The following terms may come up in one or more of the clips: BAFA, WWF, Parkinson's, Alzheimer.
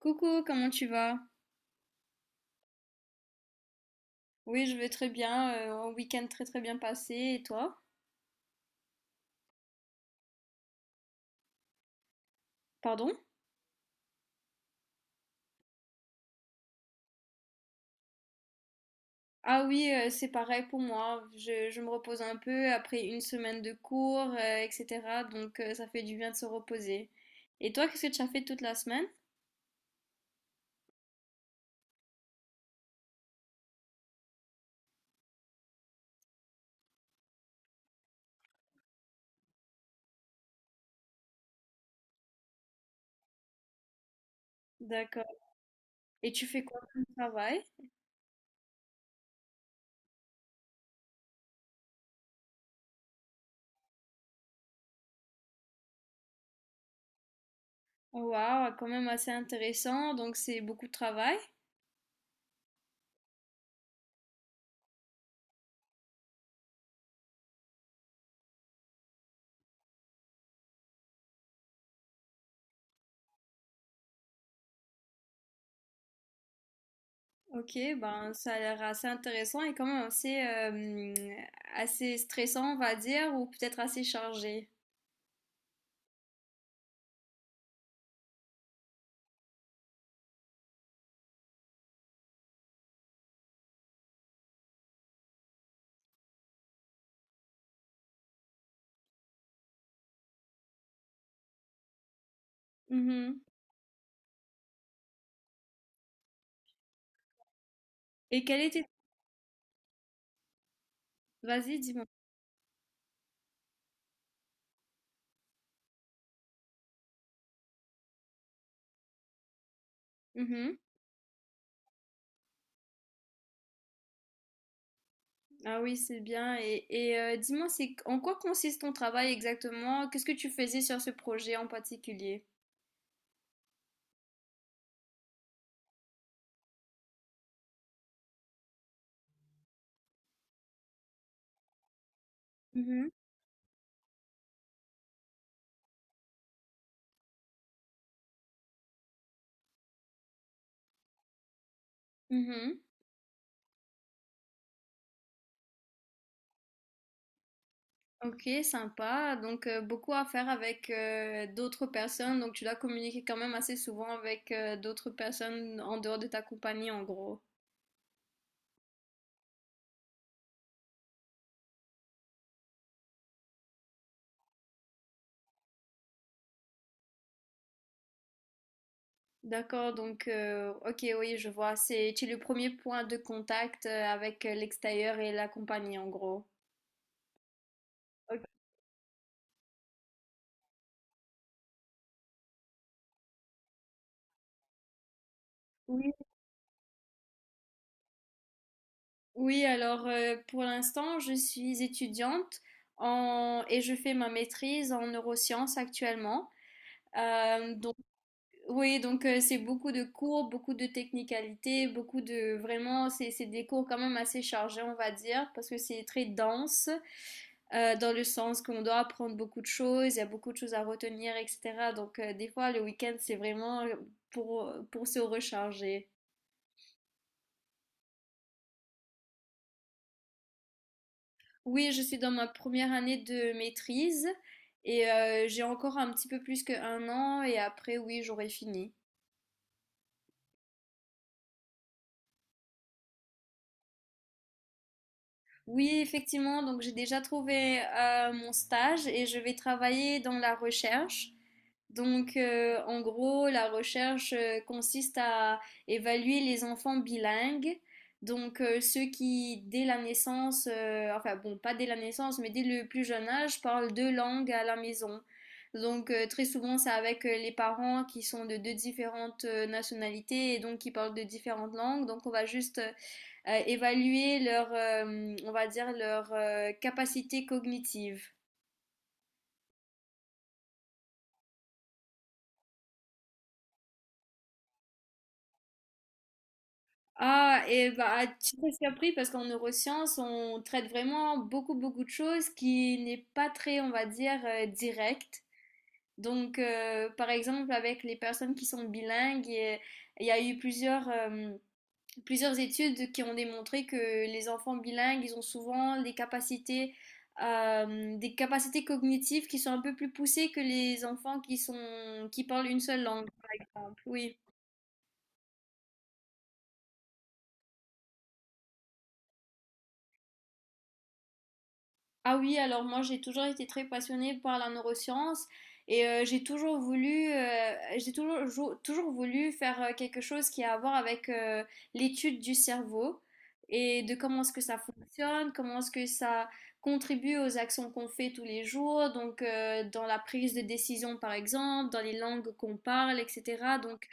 Coucou, comment tu vas? Oui, je vais très bien. Un week-end très très bien passé. Et toi? Pardon? Ah oui, c'est pareil pour moi. Je me repose un peu après une semaine de cours, etc. Donc ça fait du bien de se reposer. Et toi, qu'est-ce que tu as fait toute la semaine? D'accord. Et tu fais quoi comme travail? Waouh, quand même assez intéressant. Donc c'est beaucoup de travail. Ok, ben ça a l'air assez intéressant et quand même assez, assez stressant, on va dire, ou peut-être assez chargé. Mhm. Et quelle était... Vas-y, dis-moi. Mhm. Ah oui, c'est bien. Et dis-moi, c'est en quoi consiste ton travail exactement? Qu'est-ce que tu faisais sur ce projet en particulier? Mhm. Mhm. Ok, sympa. Donc, beaucoup à faire avec d'autres personnes. Donc, tu dois communiquer quand même assez souvent avec d'autres personnes en dehors de ta compagnie, en gros. D'accord, donc, ok, oui, je vois. C'est, tu es le premier point de contact avec l'extérieur et la compagnie, en gros. Ok. Oui, alors pour l'instant, je suis étudiante en... et je fais ma maîtrise en neurosciences actuellement. Donc oui, donc c'est beaucoup de cours, beaucoup de technicalités, beaucoup de vraiment, c'est des cours quand même assez chargés, on va dire, parce que c'est très dense dans le sens qu'on doit apprendre beaucoup de choses, il y a beaucoup de choses à retenir, etc. Donc des fois le week-end c'est vraiment pour se recharger. Oui, je suis dans ma première année de maîtrise et j'ai encore un petit peu plus qu'un an et après, oui, j'aurai fini. Oui, effectivement, donc j'ai déjà trouvé mon stage et je vais travailler dans la recherche. Donc, en gros, la recherche consiste à évaluer les enfants bilingues, donc ceux qui, dès la naissance, enfin bon, pas dès la naissance, mais dès le plus jeune âge, parlent deux langues à la maison. Donc, très souvent, c'est avec les parents qui sont de deux différentes nationalités et donc qui parlent de différentes langues. Donc, on va juste évaluer leur, on va dire, leur capacité cognitive. Ah, et bah, tu serais surpris parce qu'en neurosciences, on traite vraiment beaucoup, beaucoup de choses qui n'est pas très, on va dire, direct. Donc, par exemple, avec les personnes qui sont bilingues, il y a eu plusieurs, plusieurs études qui ont démontré que les enfants bilingues, ils ont souvent des capacités cognitives qui sont un peu plus poussées que les enfants qui sont, qui parlent une seule langue, par exemple. Oui. Ah oui, alors moi j'ai toujours été très passionnée par la neuroscience et j'ai toujours voulu, j'ai toujours, toujours voulu faire quelque chose qui a à voir avec l'étude du cerveau et de comment est-ce que ça fonctionne, comment est-ce que ça contribue aux actions qu'on fait tous les jours, donc dans la prise de décision par exemple, dans les langues qu'on parle, etc. Donc,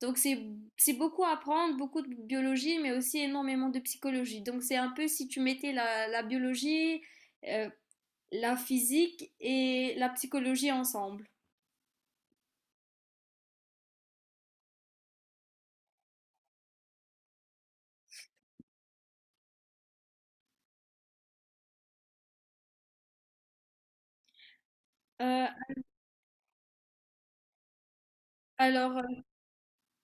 donc c'est beaucoup à apprendre, beaucoup de biologie, mais aussi énormément de psychologie. Donc c'est un peu si tu mettais la biologie euh, la physique et la psychologie ensemble. Euh, alors, euh,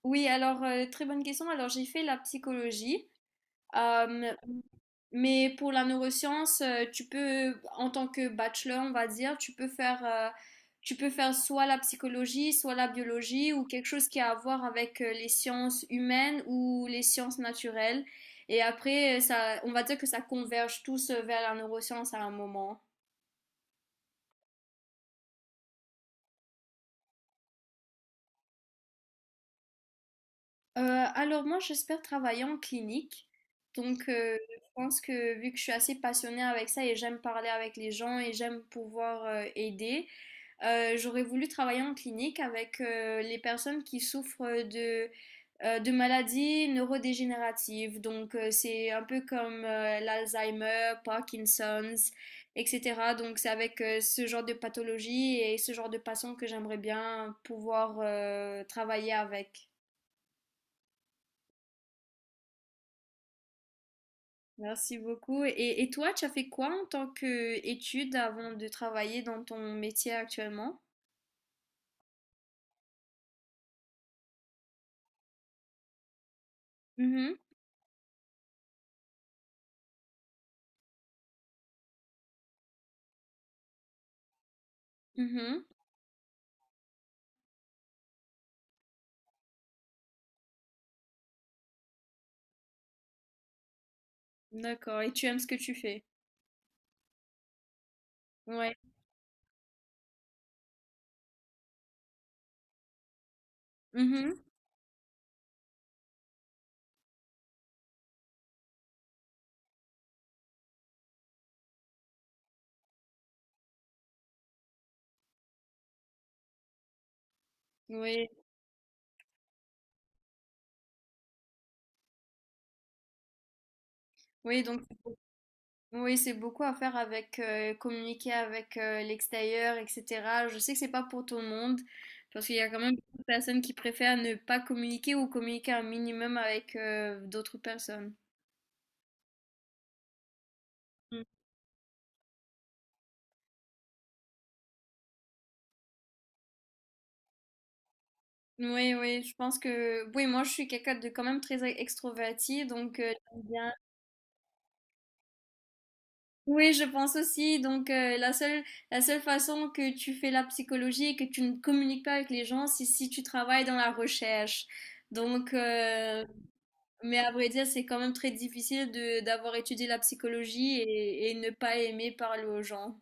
oui, alors, très bonne question. Alors, j'ai fait la psychologie, euh, mais pour la neuroscience, tu peux, en tant que bachelor, on va dire, tu peux faire soit la psychologie, soit la biologie, ou quelque chose qui a à voir avec les sciences humaines ou les sciences naturelles. Et après, ça, on va dire que ça converge tous vers la neuroscience à un moment. Alors moi, j'espère travailler en clinique. Donc, je pense que vu que je suis assez passionnée avec ça et j'aime parler avec les gens et j'aime pouvoir aider, j'aurais voulu travailler en clinique avec les personnes qui souffrent de maladies neurodégénératives. Donc, c'est un peu comme l'Alzheimer, Parkinson's, etc. Donc, c'est avec ce genre de pathologie et ce genre de patients que j'aimerais bien pouvoir travailler avec. Merci beaucoup. Et toi, tu as fait quoi en tant qu'étude avant de travailler dans ton métier actuellement? Mhm, mhm. D'accord. Et tu aimes ce que tu fais? Ouais. Mhm. Oui, oui, donc oui, c'est beaucoup à faire avec communiquer avec l'extérieur, etc. Je sais que c'est pas pour tout le monde, parce qu'il y a quand même beaucoup de personnes qui préfèrent ne pas communiquer ou communiquer un minimum avec d'autres personnes. Oui, oui, je pense que... Oui, moi, je suis quelqu'un de quand même très extroverti, donc j'aime bien. Oui, je pense aussi. Donc, la seule façon que tu fais la psychologie et que tu ne communiques pas avec les gens, c'est si tu travailles dans la recherche. Donc, mais à vrai dire, c'est quand même très difficile de d'avoir étudié la psychologie et ne pas aimer parler aux gens.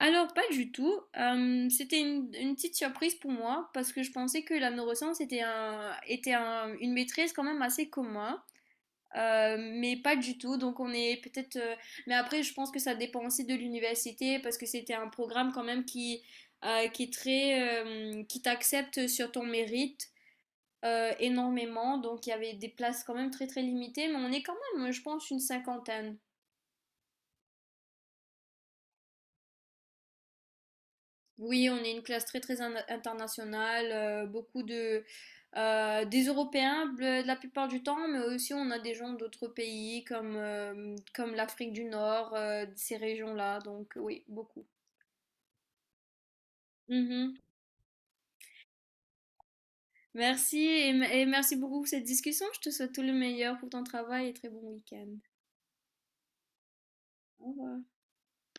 Alors, pas du tout. C'était une petite surprise pour moi parce que je pensais que la neuroscience était, un, était une maîtrise quand même assez commune. Mais pas du tout. Donc, on est peut-être. Mais après, je pense que ça dépend aussi de l'université parce que c'était un programme quand même qui est très, qui t'accepte sur ton mérite. Énormément, donc il y avait des places quand même très très limitées, mais on est quand même, je pense, une cinquantaine. Oui, on est une classe très très internationale, beaucoup de des Européens la plupart du temps, mais aussi on a des gens d'autres pays comme comme l'Afrique du Nord, ces régions-là, donc oui, beaucoup. Mhm. Merci et, et merci beaucoup pour cette discussion. Je te souhaite tout le meilleur pour ton travail et très bon week-end. Au revoir.